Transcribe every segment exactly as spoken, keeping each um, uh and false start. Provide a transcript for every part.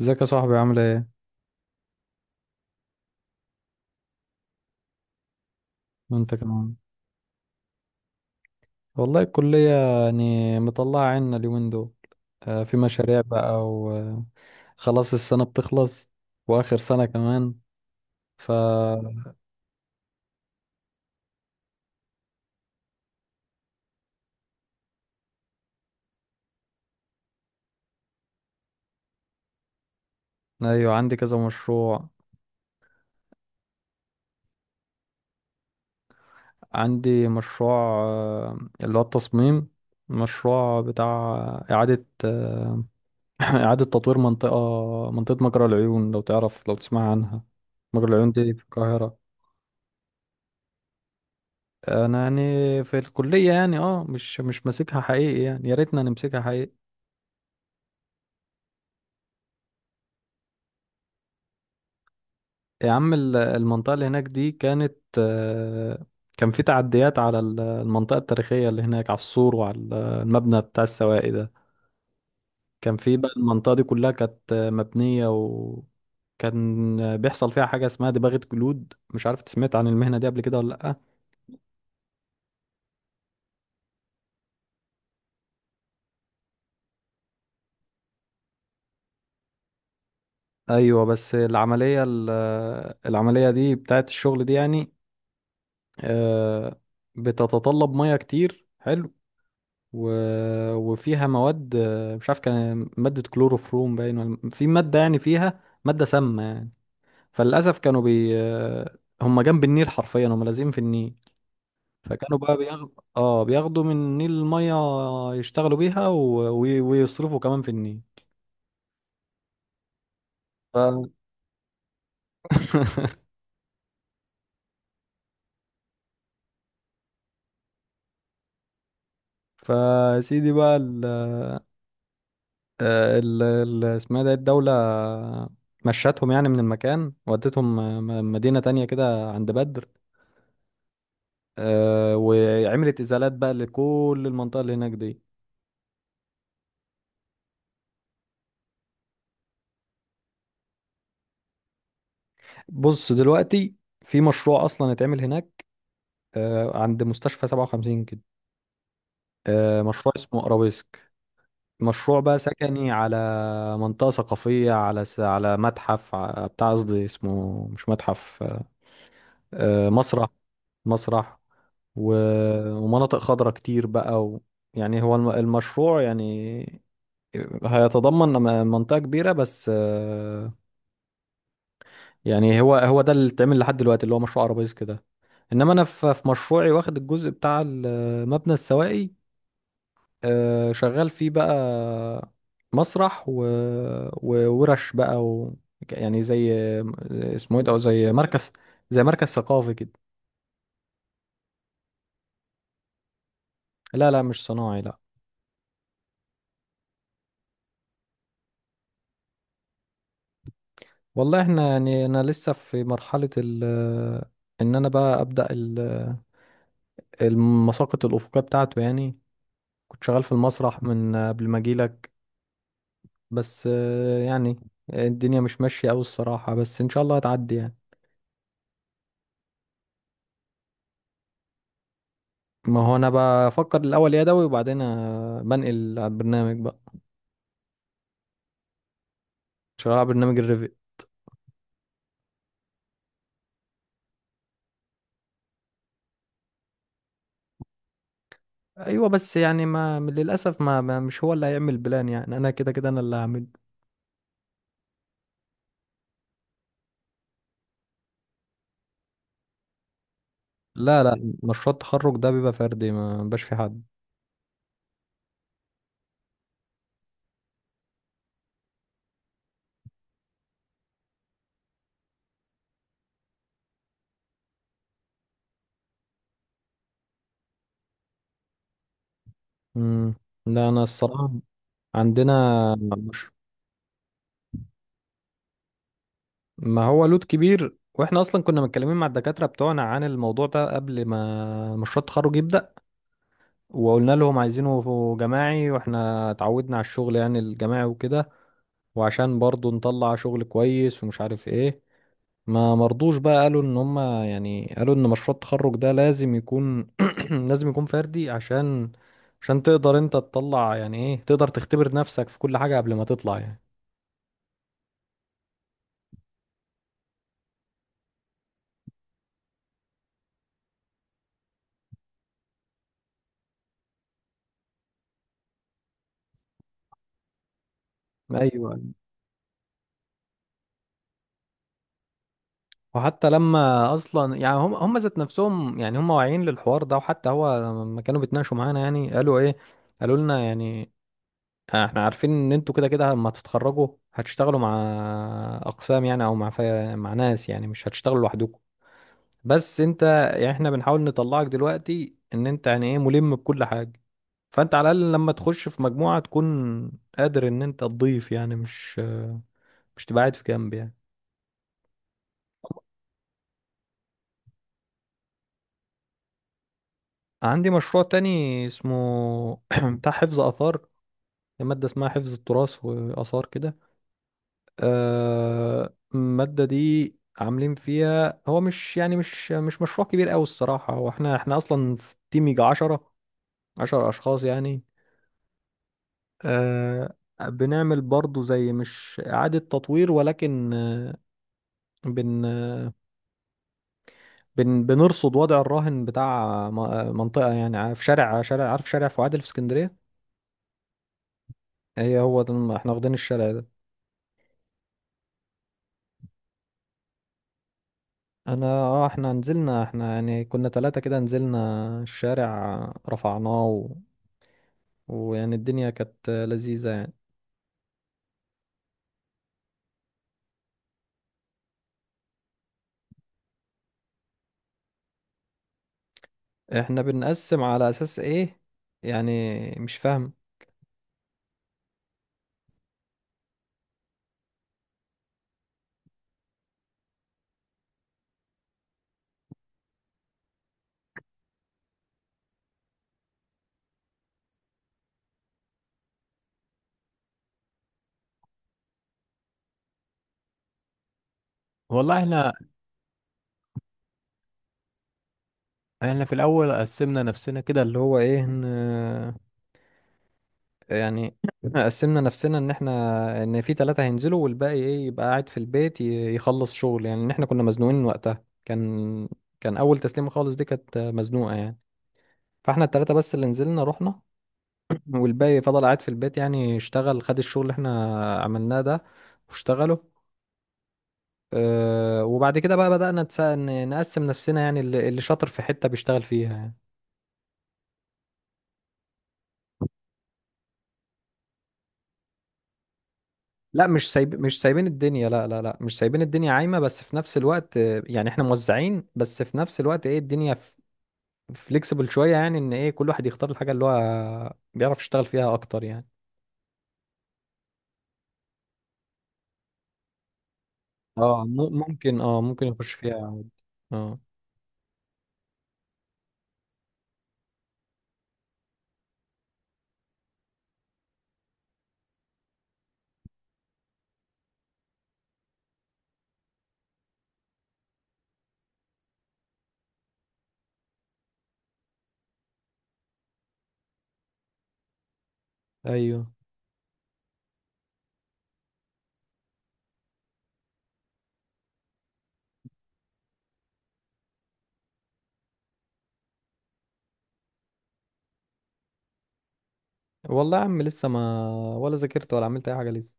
ازيك يا صاحبي؟ عامل ايه؟ وانت كمان. والله الكلية يعني مطلعة عنا اليومين دول. آه، في مشاريع بقى وخلاص. السنة بتخلص، وآخر سنة كمان. ف ايوه، عندي كذا مشروع. عندي مشروع، آه، اللي هو التصميم. مشروع بتاع إعادة، آه، إعادة تطوير منطقة منطقة مجرى العيون، لو تعرف، لو تسمع عنها. مجرى العيون دي في القاهرة. انا يعني في الكليه، يعني اه، مش مش ماسكها حقيقي، يعني يا ريتنا نمسكها حقيقي. يا عم، ال- المنطقه اللي هناك دي كانت، آه، كان في تعديات على ال- المنطقه التاريخيه اللي هناك، على السور وعلى ال- المبنى بتاع السواقي ده. كان في بقى المنطقه دي كلها كانت آه، مبنيه، وكان آه، بيحصل فيها حاجه اسمها دباغه جلود. مش عارف سمعت عن المهنه دي قبل كده ولا لا. ايوه، بس العمليه ال- آه، العمليه دي بتاعت الشغل دي يعني، آه، بتتطلب ميه كتير. حلو. و... وفيها مواد، آه، مش عارف كان مادة كلوروفروم باين ولا في مادة، يعني فيها مادة سامة يعني. فللأسف كانوا بي آه، هم جنب النيل حرفيا، هم لازقين في النيل. فكانوا بقى بياخدوا، اه، بياخدوا من النيل المية، يشتغلوا بيها، و... وي- ويصرفوا كمان في النيل. ف... فسيدي بقى ال... آه، ال ال- اسمها ده الدولة مشتهم يعني من المكان، ودتهم آه، م- مدينة تانية كده عند بدر. آه، وعملت إزالات بقى لكل المنطقة اللي هناك دي. بص دلوقتي، في مشروع أصلا اتعمل هناك، آه، عند مستشفى سبعة وخمسين كده. آه، مشروع اسمه أرابيسك، مشروع بقى سكني على منطقة ثقافية، على س... على متحف، ع- بتاع، قصدي اسمه مش متحف، آه، مسرح. مسرح، و... ومناطق خضراء كتير بقى، و... يعني هو الم- المشروع يعني هيتضمن م- منطقة كبيرة، بس آه، يعني هو هو ده اللي اتعمل لحد دلوقتي، اللي هو مشروع عربيز كده. انما انا في في مشروعي واخد الجزء بتاع ال- مبنى السواقي، آه، شغال فيه بقى، مسرح، و... وورش بقى، و... يعني زي، اسمه ايه ده، زي مركز، زي مركز ثقافي كده. لا لا، مش صناعي لا. والله احنا يعني، انا لسه في مرحلة ال ان انا بقى ابدأ ال- المساقط الافقية بتاعته يعني. كنت شغال في المسرح من قبل ما اجيلك، بس آه، يعني الدنيا مش ماشية اوي الصراحة، بس ان شاء الله هتعدي يعني. ما هو انا بفكر الاول يدوي، وبعدين آه، بنقل على البرنامج بقى. شغال على برنامج الريفي. ايوه، بس يعني، ما للاسف، ما, ما مش هو اللي هيعمل بلان يعني، انا كده كده انا اللي هعمل. لا لا، مشروع التخرج ده بيبقى فردي، ما بيبقاش في حد. مم. لا انا الصراحة، عندنا، مش، ما هو لود كبير. واحنا اصلا كنا متكلمين مع الدكاتره بتوعنا عن الموضوع ده قبل ما مشروع التخرج يبدا، وقلنا لهم عايزينه جماعي، واحنا اتعودنا على الشغل يعني الجماعي وكده، وعشان برضو نطلع شغل كويس ومش عارف ايه. ما مرضوش بقى، قالوا ان هم، يعني قالوا ان مشروع التخرج ده لازم يكون، لازم يكون فردي، عشان عشان تقدر انت تطلع، يعني ايه، تقدر تختبر نفسك في كل حاجه قبل ما تطلع يعني. ايوه، وحتى لما اصلا، يعني هم هم ذات نفسهم يعني هم واعيين للحوار ده. وحتى هو لما كانوا بيتناقشوا معانا، يعني قالوا ايه، قالوا لنا يعني احنا عارفين ان انتوا كده كده لما تتخرجوا هتشتغلوا مع اقسام يعني، او مع فا- مع ناس، يعني مش هتشتغلوا لوحدكم. بس انت، يعني احنا بنحاول نطلعك دلوقتي ان انت يعني ايه، ملم بكل حاجة. فانت على الاقل لما تخش في مجموعة تكون قادر ان انت تضيف يعني، مش مش تبقى قاعد في جنب يعني. عندي مشروع تاني اسمه بتاع حفظ آثار. مادة اسمها حفظ التراث وآثار كده. آه، المادة دي عاملين فيها، هو مش يعني، مش مش مشروع كبير أوي الصراحة. هو احنا احنا أصلا في تيم يجي عشرة، عشر أشخاص يعني. آه، بنعمل برضو زي مش إعادة تطوير، ولكن آه، بن آه، بن بنرصد وضع الراهن بتاع م- منطقة يعني في شارع شارع عارف شارع فؤاد اللي في اسكندرية. هي هو ده- احنا واخدين الشارع ده. انا اه، احنا نزلنا، احنا يعني كنا ثلاثة كده، نزلنا الشارع، رفعناه، و... ويعني الدنيا كانت لذيذة يعني. احنا بنقسم على اساس ايه؟ يعني مش فاهم. والله احنا احنا في الاول قسمنا نفسنا كده، اللي هو ايه، ان يعني قسمنا نفسنا ان احنا، ان في ثلاثة هينزلوا، والباقي ايه، يبقى قاعد في البيت ي- يخلص شغل، يعني ان احنا كنا مزنوقين وقتها. كان كان اول تسليمة خالص دي كانت مزنوقة يعني. فاحنا الثلاثة بس اللي نزلنا رحنا، والباقي فضل قاعد في البيت يعني، اشتغل، خد الشغل اللي احنا عملناه ده واشتغله. اه، وبعد كده بقى بدأنا نتس- ن- نقسم نفسنا، يعني اللي اللي شاطر في حتة بيشتغل فيها يعني. لا، مش سايب مش سايبين الدنيا، لا لا لا مش سايبين الدنيا عايمة، بس في نفس الوقت آه، يعني احنا موزعين، بس في نفس الوقت ايه، الدنيا فليكسبل شوية، يعني ان ايه، كل واحد يختار الحاجة اللي هو بيعرف يشتغل فيها اكتر يعني. اه، م- ممكن، اه ممكن يخش فيها عادي. اه ايوه والله يا عم، لسه ما، ولا ذاكرت ولا عملت اي حاجة لسه.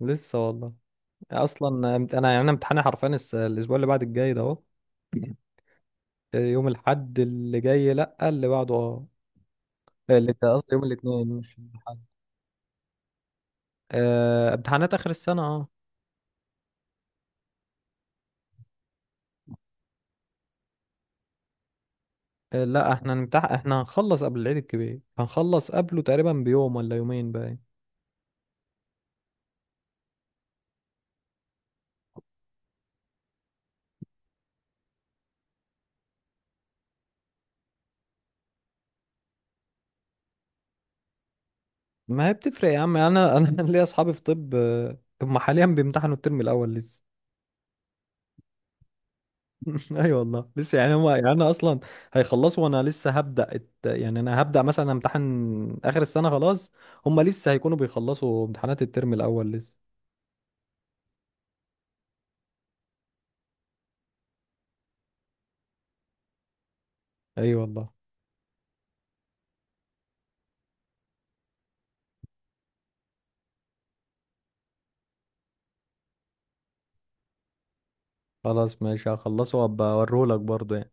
لسه والله. اصلا انا، يعني انا امتحاني حرفيا الس- الاسبوع اللي بعد الجاي ده اهو. يوم الاحد اللي جاي، لا اللي بعده اه. اللي ده قصدي يوم الاثنين مش الاحد. آه، امتحانات اخر السنه اه. آه، لا احنا هنمتح احنا هنخلص قبل العيد الكبير، هنخلص قبله تقريبا بيوم ولا يومين باين. ما هي بتفرق يا عم، انا انا ليا اصحابي في طب، آه، هم حاليا بيمتحنوا الترم الاول لسه. ايوه والله لسه، يعني هو يعني انا اصلا، هيخلصوا وانا لسه هبدا الت- يعني انا هبدا مثلا امتحن اخر السنه خلاص، هم لسه هيكونوا بيخلصوا امتحانات الترم الاول لسه. ايوه والله. خلاص ماشي، هخلصه وابقى اوريهولك برضه يعني.